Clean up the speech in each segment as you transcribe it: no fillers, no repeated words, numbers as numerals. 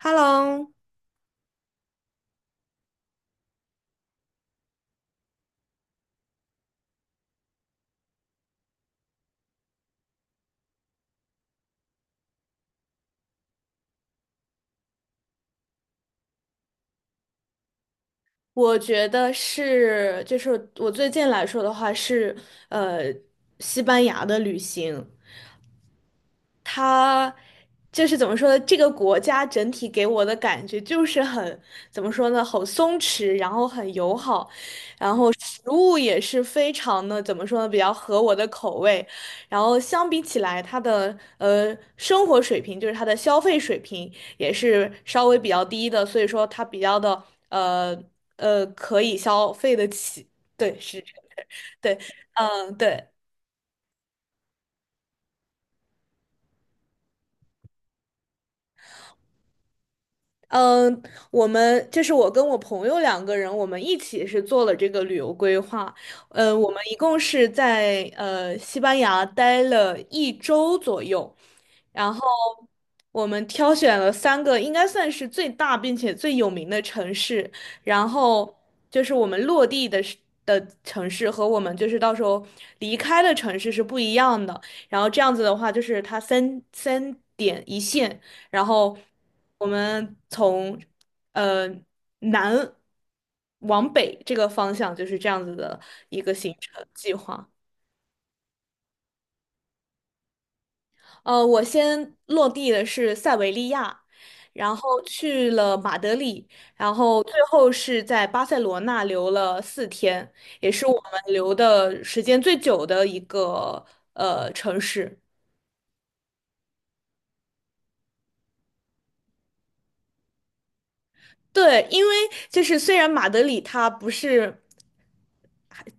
Hello，我觉得是，就是我最近来说的话是，呃，西班牙的旅行，它就是怎么说呢？这个国家整体给我的感觉就是很，怎么说呢？很松弛，然后很友好，然后食物也是非常的，怎么说呢？比较合我的口味。然后相比起来，它的生活水平，就是它的消费水平也是稍微比较低的，所以说它比较的呃可以消费得起。对，是，对，嗯，对。嗯，我们就是我跟我朋友两个人，我们一起是做了这个旅游规划。嗯，我们一共是在西班牙待了一周左右，然后我们挑选了三个应该算是最大并且最有名的城市，然后就是我们落地的是的城市和我们就是到时候离开的城市是不一样的。然后这样子的话，就是它三点一线。然后我们从呃南往北这个方向就是这样子的一个行程计划。我先落地的是塞维利亚，然后去了马德里，然后最后是在巴塞罗那留了4天，也是我们留的时间最久的一个城市。对，因为就是虽然马德里它不是。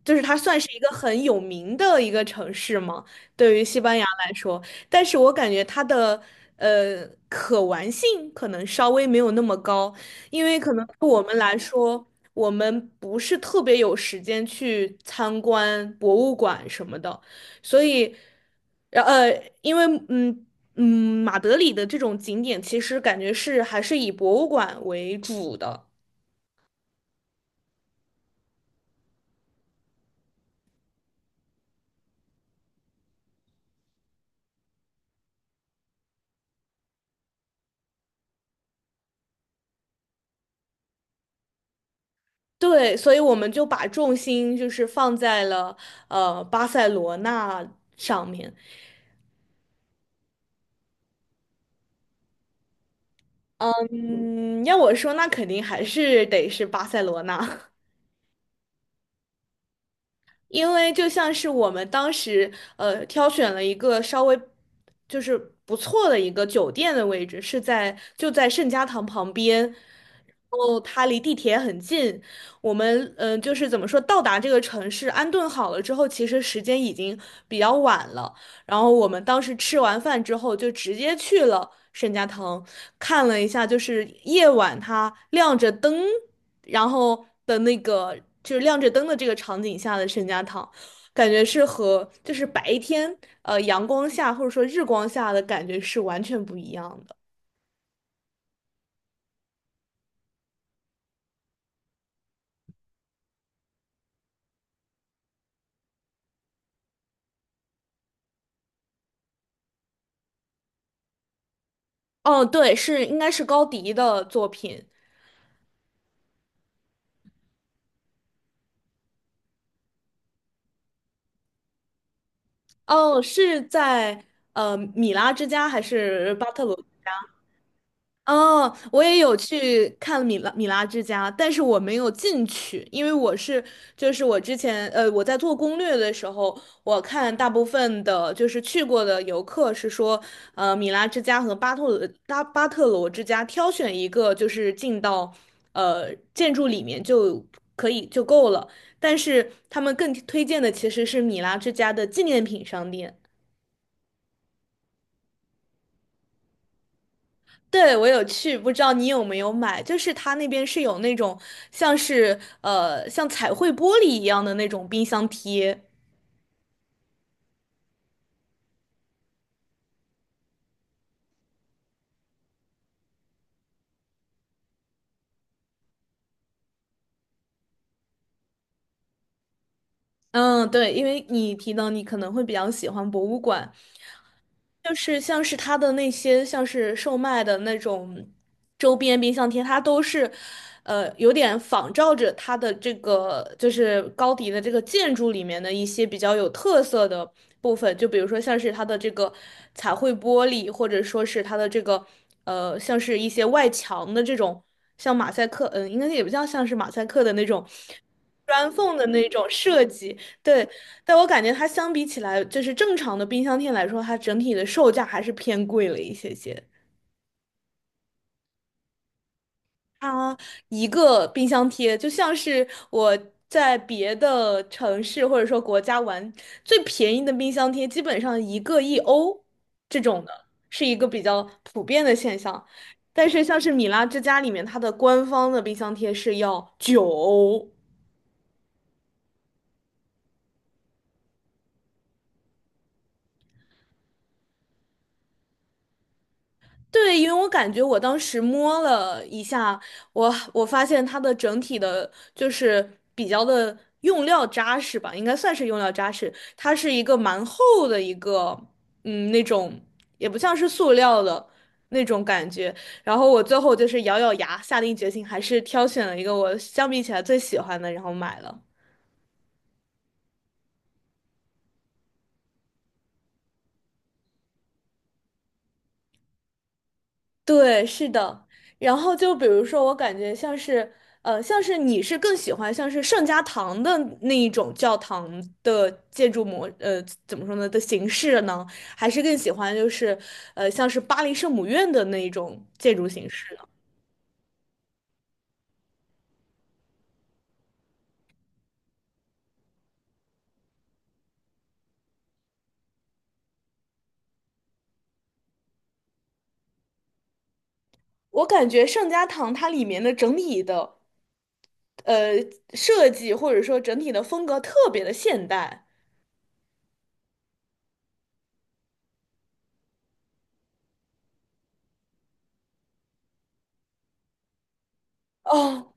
就是它算是一个很有名的一个城市嘛，对于西班牙来说，但是我感觉它的可玩性可能稍微没有那么高，因为可能对我们来说，我们不是特别有时间去参观博物馆什么的，所以，然呃，因为嗯。嗯，马德里的这种景点其实感觉是还是以博物馆为主的，对，所以我们就把重心就是放在了巴塞罗那上面。嗯，要我说，那肯定还是得是巴塞罗那。因为就像是我们当时挑选了一个稍微就是不错的一个酒店的位置，是在就在圣家堂旁边，然后它离地铁很近。我们就是怎么说，到达这个城市安顿好了之后，其实时间已经比较晚了。然后我们当时吃完饭之后，就直接去了圣家堂，看了一下，就是夜晚它亮着灯。然后的那个就是亮着灯的这个场景下的圣家堂，感觉是和就是白天阳光下或者说日光下的感觉是完全不一样的。哦，对，是应该是高迪的作品。哦，是在米拉之家还是巴特罗？哦，我也有去看米拉之家，但是我没有进去，因为我是就是我之前我在做攻略的时候，我看大部分的就是去过的游客是说，米拉之家和巴特罗之家挑选一个就是进到建筑里面就可以就够了，但是他们更推荐的其实是米拉之家的纪念品商店。对，我有去，不知道你有没有买？就是他那边是有那种像是像彩绘玻璃一样的那种冰箱贴。嗯，对，因为你提到你可能会比较喜欢博物馆，就是像是它的那些像是售卖的那种周边冰箱贴，它都是，有点仿照着它的这个就是高迪的这个建筑里面的一些比较有特色的部分，就比如说像是它的这个彩绘玻璃，或者说是它的这个像是一些外墙的这种像马赛克，应该也不叫像是马赛克的那种 砖缝的那种设计，对，但我感觉它相比起来，就是正常的冰箱贴来说，它整体的售价还是偏贵了一些些。它一个冰箱贴就像是我在别的城市或者说国家玩，最便宜的冰箱贴基本上一个1欧这种的，是一个比较普遍的现象。但是像是米拉之家里面，它的官方的冰箱贴是要9欧。对，因为我感觉我当时摸了一下，我发现它的整体的，就是比较的用料扎实吧，应该算是用料扎实。它是一个蛮厚的一个，嗯，那种也不像是塑料的那种感觉。然后我最后就是咬咬牙，下定决心，还是挑选了一个我相比起来最喜欢的，然后买了。对，是的。然后就比如说，我感觉像是，像是你是更喜欢像是圣家堂的那一种教堂的建筑模，怎么说呢的形式呢？还是更喜欢就是，像是巴黎圣母院的那一种建筑形式呢？我感觉圣家堂它里面的整体的，呃，设计或者说整体的风格特别的现代。哦，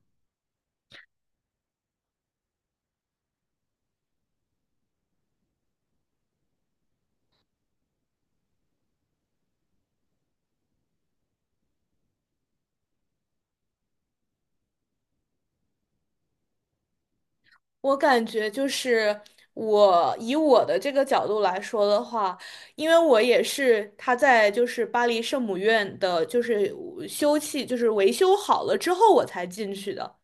我感觉就是我以我的这个角度来说的话，因为我也是他在就是巴黎圣母院的，就是修葺就是维修好了之后我才进去的。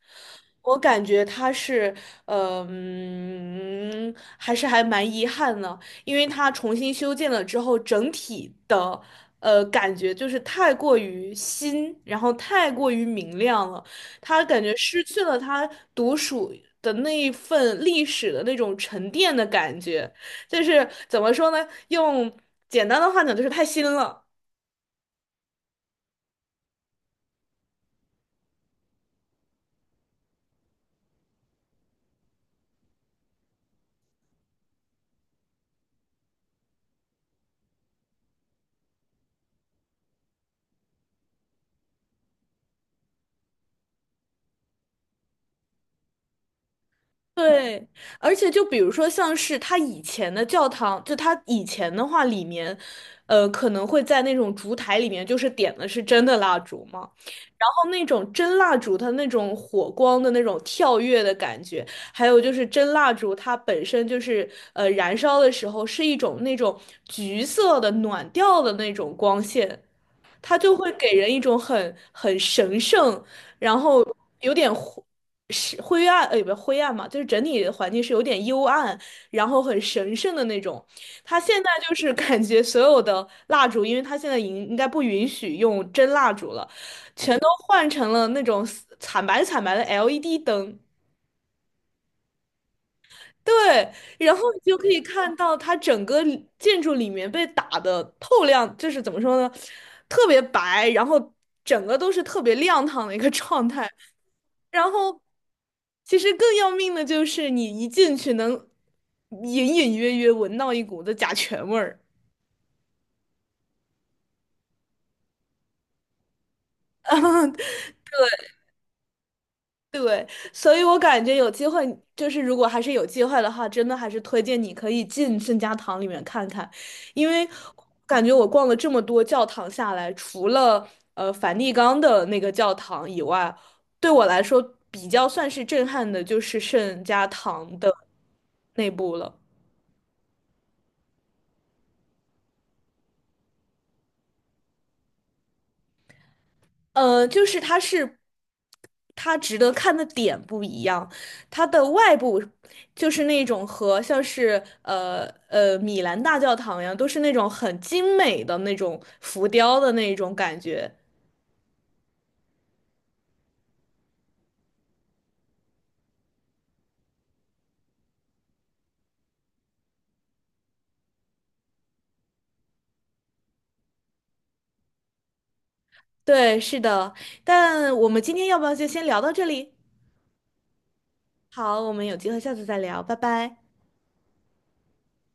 我感觉他是，还是还蛮遗憾的，因为他重新修建了之后，整体的，感觉就是太过于新，然后太过于明亮了，他感觉失去了他独属的那一份历史的那种沉淀的感觉，就是怎么说呢？用简单的话讲，就是太新了。对，而且就比如说，像是他以前的教堂，就他以前的话，里面，可能会在那种烛台里面，就是点的是真的蜡烛嘛，然后那种真蜡烛，它那种火光的那种跳跃的感觉，还有就是真蜡烛，它本身就是燃烧的时候是一种那种橘色的暖调的那种光线，它就会给人一种很神圣。然后有点灰是灰暗，也不是灰暗嘛，就是整体的环境是有点幽暗，然后很神圣的那种。它现在就是感觉所有的蜡烛，因为它现在应该不允许用真蜡烛了，全都换成了那种惨白惨白的 LED 灯。对，然后你就可以看到它整个建筑里面被打的透亮，就是怎么说呢，特别白，然后整个都是特别亮堂的一个 状态。然后，其实更要命的就是你一进去能隐隐约约闻到一股子甲醛味儿。对，所以我感觉有机会，就是如果还是有机会的话，真的还是推荐你可以进圣家堂里面看看，因为感觉我逛了这么多教堂下来，除了梵蒂冈的那个教堂以外，对我来说比较算是震撼的，就是圣家堂的内部了。就是它是它值得看的点不一样，它的外部就是那种和像是米兰大教堂一样，都是那种很精美的那种浮雕的那种感觉。对，是的，但我们今天要不要就先聊到这里？好，我们有机会下次再聊，拜拜。